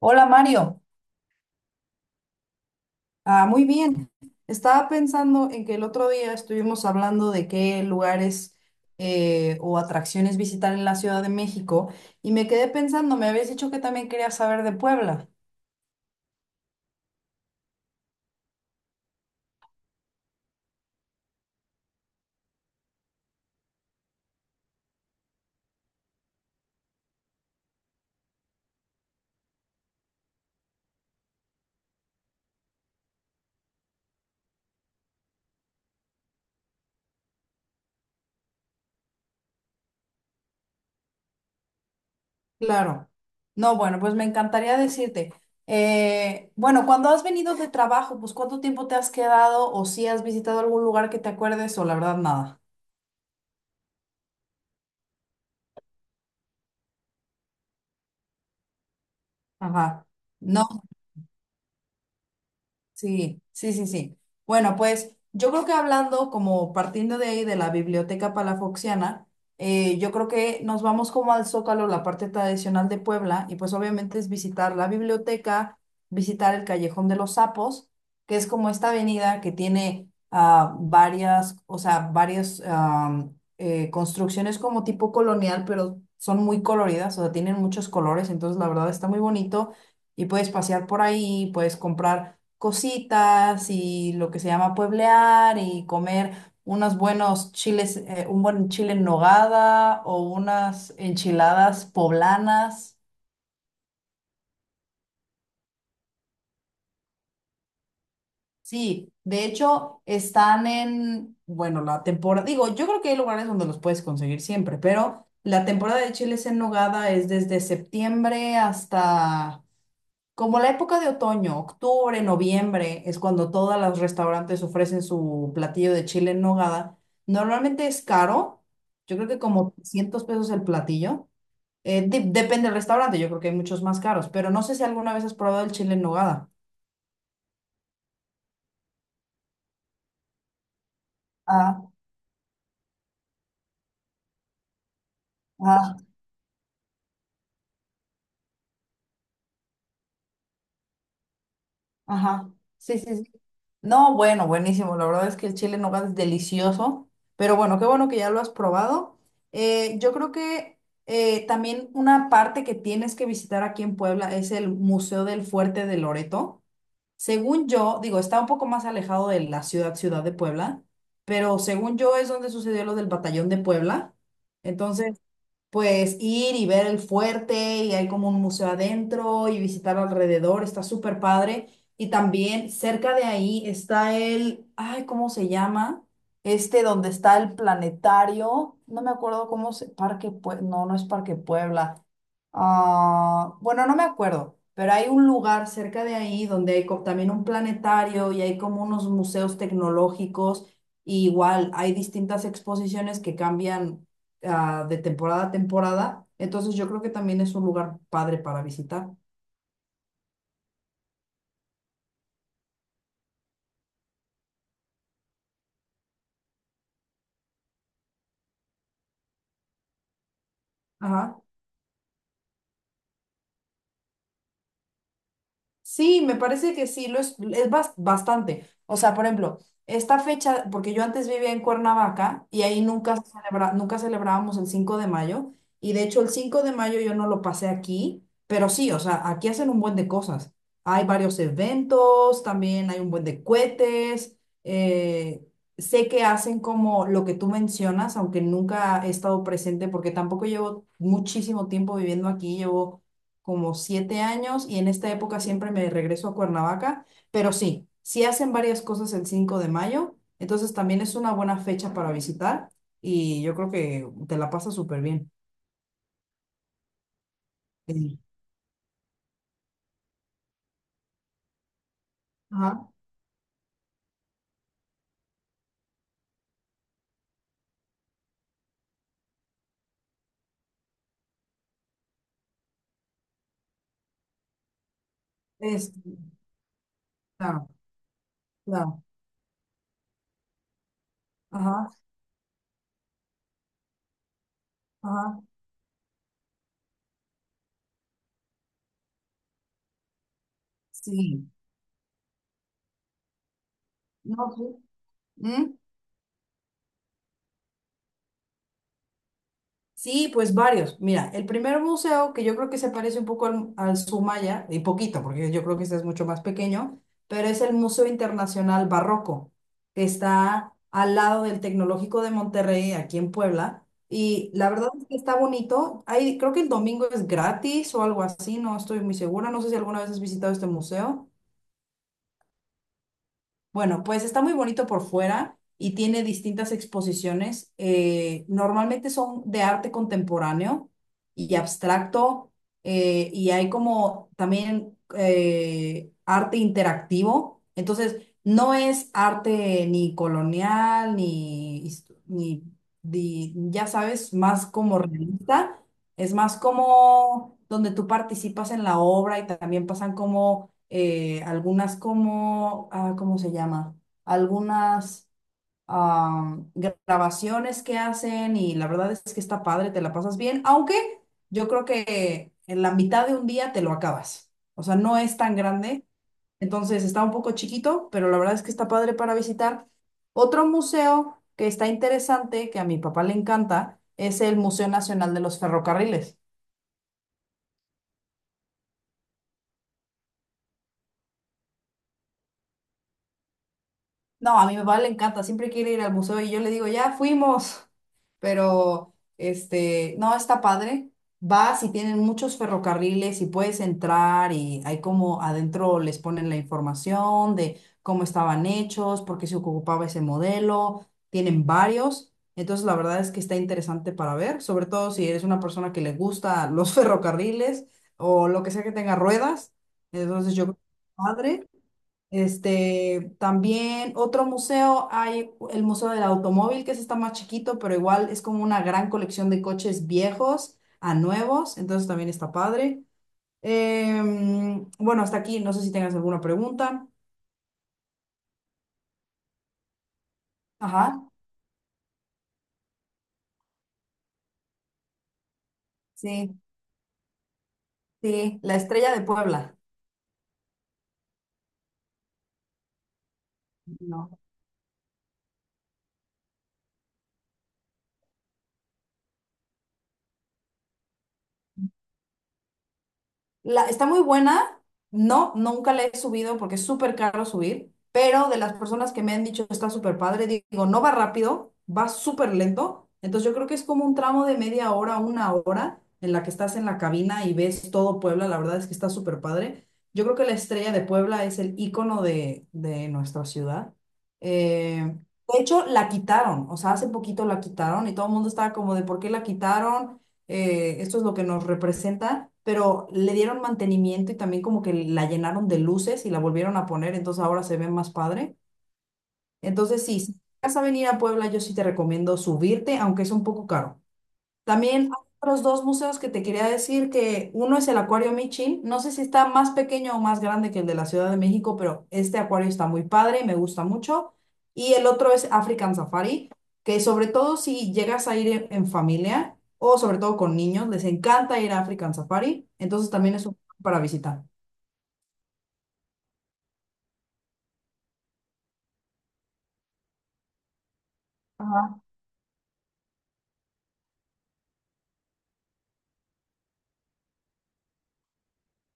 Hola Mario, muy bien. Estaba pensando en que el otro día estuvimos hablando de qué lugares o atracciones visitar en la Ciudad de México y me quedé pensando, me habías dicho que también querías saber de Puebla. Claro. No, bueno, pues me encantaría decirte, bueno, cuando has venido de trabajo, pues ¿cuánto tiempo te has quedado o si has visitado algún lugar que te acuerdes o la verdad nada? Ajá. No. Sí, sí, sí, sí. Bueno, pues yo creo que hablando como partiendo de ahí de la biblioteca palafoxiana, yo creo que nos vamos como al Zócalo, la parte tradicional de Puebla, y pues obviamente es visitar la biblioteca, visitar el Callejón de los Sapos, que es como esta avenida que tiene varias, o sea, varias construcciones como tipo colonial, pero son muy coloridas, o sea, tienen muchos colores, entonces la verdad está muy bonito y puedes pasear por ahí, puedes comprar cositas y lo que se llama pueblear y comer unos buenos chiles, un buen chile en nogada o unas enchiladas poblanas. Sí, de hecho están en, bueno, la temporada, digo, yo creo que hay lugares donde los puedes conseguir siempre, pero la temporada de chiles en nogada es desde septiembre hasta como la época de otoño, octubre, noviembre, es cuando todos los restaurantes ofrecen su platillo de chile en nogada. Normalmente es caro, yo creo que como $300 el platillo. Depende del restaurante, yo creo que hay muchos más caros, pero no sé si alguna vez has probado el chile en nogada. Ah, ah, ajá. Sí, sí, sí. No, bueno, buenísimo. La verdad es que el chile en nogada es delicioso. Pero bueno, qué bueno que ya lo has probado. Yo creo que también una parte que tienes que visitar aquí en Puebla es el Museo del Fuerte de Loreto. Según yo, digo, está un poco más alejado de la ciudad de Puebla, pero según yo es donde sucedió lo del Batallón de Puebla. Entonces, pues ir y ver el fuerte y hay como un museo adentro y visitar alrededor, está súper padre. Y también cerca de ahí está el, ay, ¿cómo se llama? Este donde está el planetario, no me acuerdo cómo se, Parque, no, no es Parque Puebla. Ah, bueno, no me acuerdo, pero hay un lugar cerca de ahí donde hay también un planetario y hay como unos museos tecnológicos. Y igual hay distintas exposiciones que cambian de temporada a temporada. Entonces yo creo que también es un lugar padre para visitar. Ajá. Sí, me parece que sí, es bastante. O sea, por ejemplo, esta fecha, porque yo antes vivía en Cuernavaca y ahí nunca, nunca celebrábamos el 5 de mayo y de hecho el 5 de mayo yo no lo pasé aquí, pero sí, o sea, aquí hacen un buen de cosas. Hay varios eventos, también hay un buen de cohetes. eh, sé que hacen como lo que tú mencionas, aunque nunca he estado presente porque tampoco llevo muchísimo tiempo viviendo aquí, llevo como 7 años y en esta época siempre me regreso a Cuernavaca, pero sí, sí hacen varias cosas el 5 de mayo, entonces también es una buena fecha para visitar y yo creo que te la pasas súper bien. Sí. Ajá, es, claro, claro, ajá, ajá, sí, no, sí. ¿Mm? Sí, pues varios. Mira, el primer museo, que yo creo que se parece un poco al Sumaya, y poquito, porque yo creo que este es mucho más pequeño, pero es el Museo Internacional Barroco, que está al lado del Tecnológico de Monterrey, aquí en Puebla. Y la verdad es que está bonito. Hay, creo que el domingo es gratis o algo así, no estoy muy segura. No sé si alguna vez has visitado este museo. Bueno, pues está muy bonito por fuera y tiene distintas exposiciones. Normalmente son de arte contemporáneo y abstracto y hay como también arte interactivo. Entonces, no es arte ni colonial, ni ya sabes, más como realista. Es más como donde tú participas en la obra y también pasan como algunas como, ¿cómo se llama? Algunas grabaciones que hacen y la verdad es que está padre, te la pasas bien, aunque yo creo que en la mitad de un día te lo acabas. O sea, no es tan grande, entonces está un poco chiquito, pero la verdad es que está padre para visitar. Otro museo que está interesante, que a mi papá le encanta, es el Museo Nacional de los Ferrocarriles. No, a mi papá le encanta, siempre quiere ir al museo y yo le digo, ya fuimos, pero este, no, está padre. Vas y tienen muchos ferrocarriles y puedes entrar y hay como adentro les ponen la información de cómo estaban hechos, por qué se ocupaba ese modelo, tienen varios. Entonces la verdad es que está interesante para ver, sobre todo si eres una persona que le gusta los ferrocarriles o lo que sea que tenga ruedas. Entonces yo creo que está padre. Este, también otro museo, hay el Museo del Automóvil, que ese está más chiquito, pero igual es como una gran colección de coches viejos a nuevos, entonces también está padre. Bueno, hasta aquí, no sé si tengas alguna pregunta. Ajá, sí, sí, la estrella de Puebla. No. La está muy buena. No, nunca la he subido porque es súper caro subir, pero de las personas que me han dicho está súper padre, digo, no va rápido, va súper lento. Entonces yo creo que es como un tramo de media hora, 1 hora en la que estás en la cabina y ves todo Puebla. La verdad es que está súper padre. Yo creo que la estrella de Puebla es el icono de nuestra ciudad. Eh, de hecho, la quitaron, o sea, hace poquito la quitaron y todo el mundo estaba como de, ¿por qué la quitaron? Esto es lo que nos representa, pero le dieron mantenimiento y también como que la llenaron de luces y la volvieron a poner, entonces ahora se ve más padre. Entonces sí, si vas a venir a Puebla, yo sí te recomiendo subirte, aunque es un poco caro. También hay otros dos museos que te quería decir que uno es el Acuario Michin. No sé si está más pequeño o más grande que el de la Ciudad de México, pero este acuario está muy padre, me gusta mucho. Y el otro es African Safari, que sobre todo si llegas a ir en familia o sobre todo con niños, les encanta ir a African Safari. Entonces también es un para visitar. Ajá,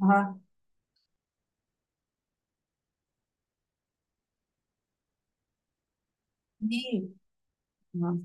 ajá. Sí. Ajá.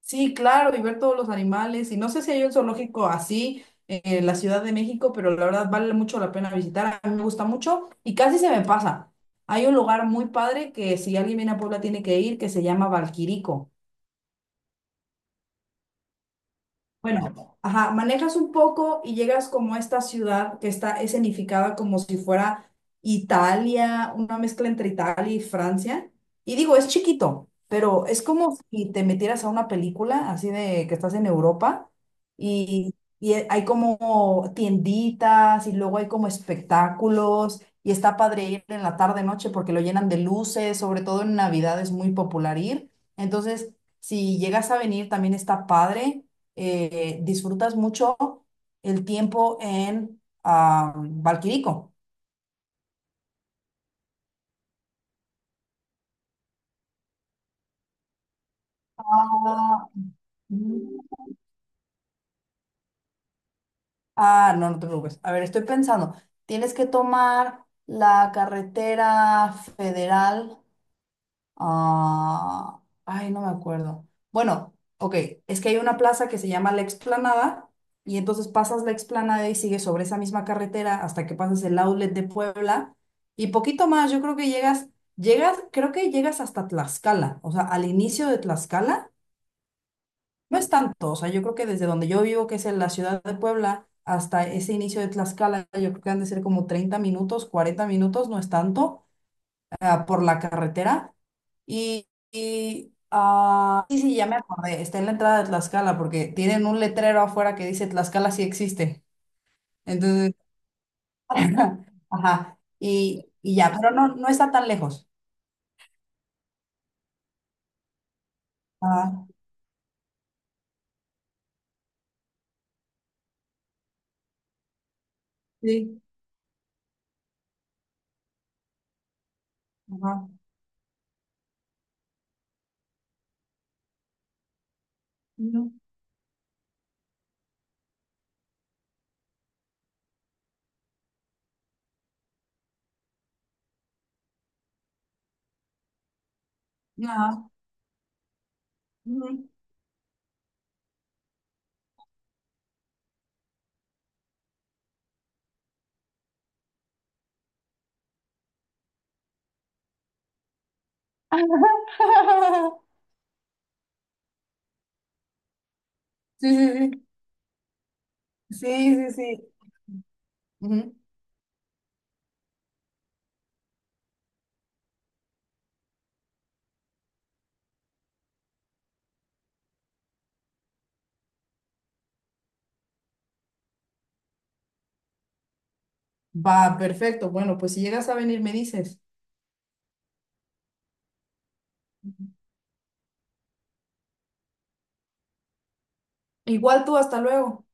Sí, claro, y ver todos los animales. Y no sé si hay un zoológico así en la Ciudad de México, pero la verdad vale mucho la pena visitar. A mí me gusta mucho y casi se me pasa. Hay un lugar muy padre que si alguien viene a Puebla tiene que ir, que se llama Valquirico. Bueno, ajá, manejas un poco y llegas como a esta ciudad que está escenificada como si fuera Italia, una mezcla entre Italia y Francia. Y digo, es chiquito, pero es como si te metieras a una película así de que estás en Europa y, y hay como tienditas y luego hay como espectáculos y está padre ir en la tarde noche porque lo llenan de luces, sobre todo en Navidad es muy popular ir. Entonces, si llegas a venir también está padre disfrutas mucho el tiempo en Valquirico. Ah, mm. Ah, no, no te preocupes. A ver, estoy pensando, tienes que tomar la carretera federal. Ay, no me acuerdo. Bueno, ok, es que hay una plaza que se llama La Explanada y entonces pasas la Explanada y sigues sobre esa misma carretera hasta que pasas el outlet de Puebla y poquito más, yo creo que llegas, creo que llegas hasta Tlaxcala, o sea, al inicio de Tlaxcala, no es tanto, o sea, yo creo que desde donde yo vivo, que es en la ciudad de Puebla, hasta ese inicio de Tlaxcala, yo creo que han de ser como 30 minutos, 40 minutos, no es tanto, por la carretera sí, sí, ya me acordé, está en la entrada de Tlaxcala porque tienen un letrero afuera que dice Tlaxcala sí existe. Entonces, ajá, y ya, pero no, no está tan lejos. Ajá, sí, ajá, ujú, ajá, ujú. Sí, sí, sí, sí, sí, sí. Ujú. Va, perfecto. Bueno, pues si llegas a venir, me dices. Igual tú, hasta luego.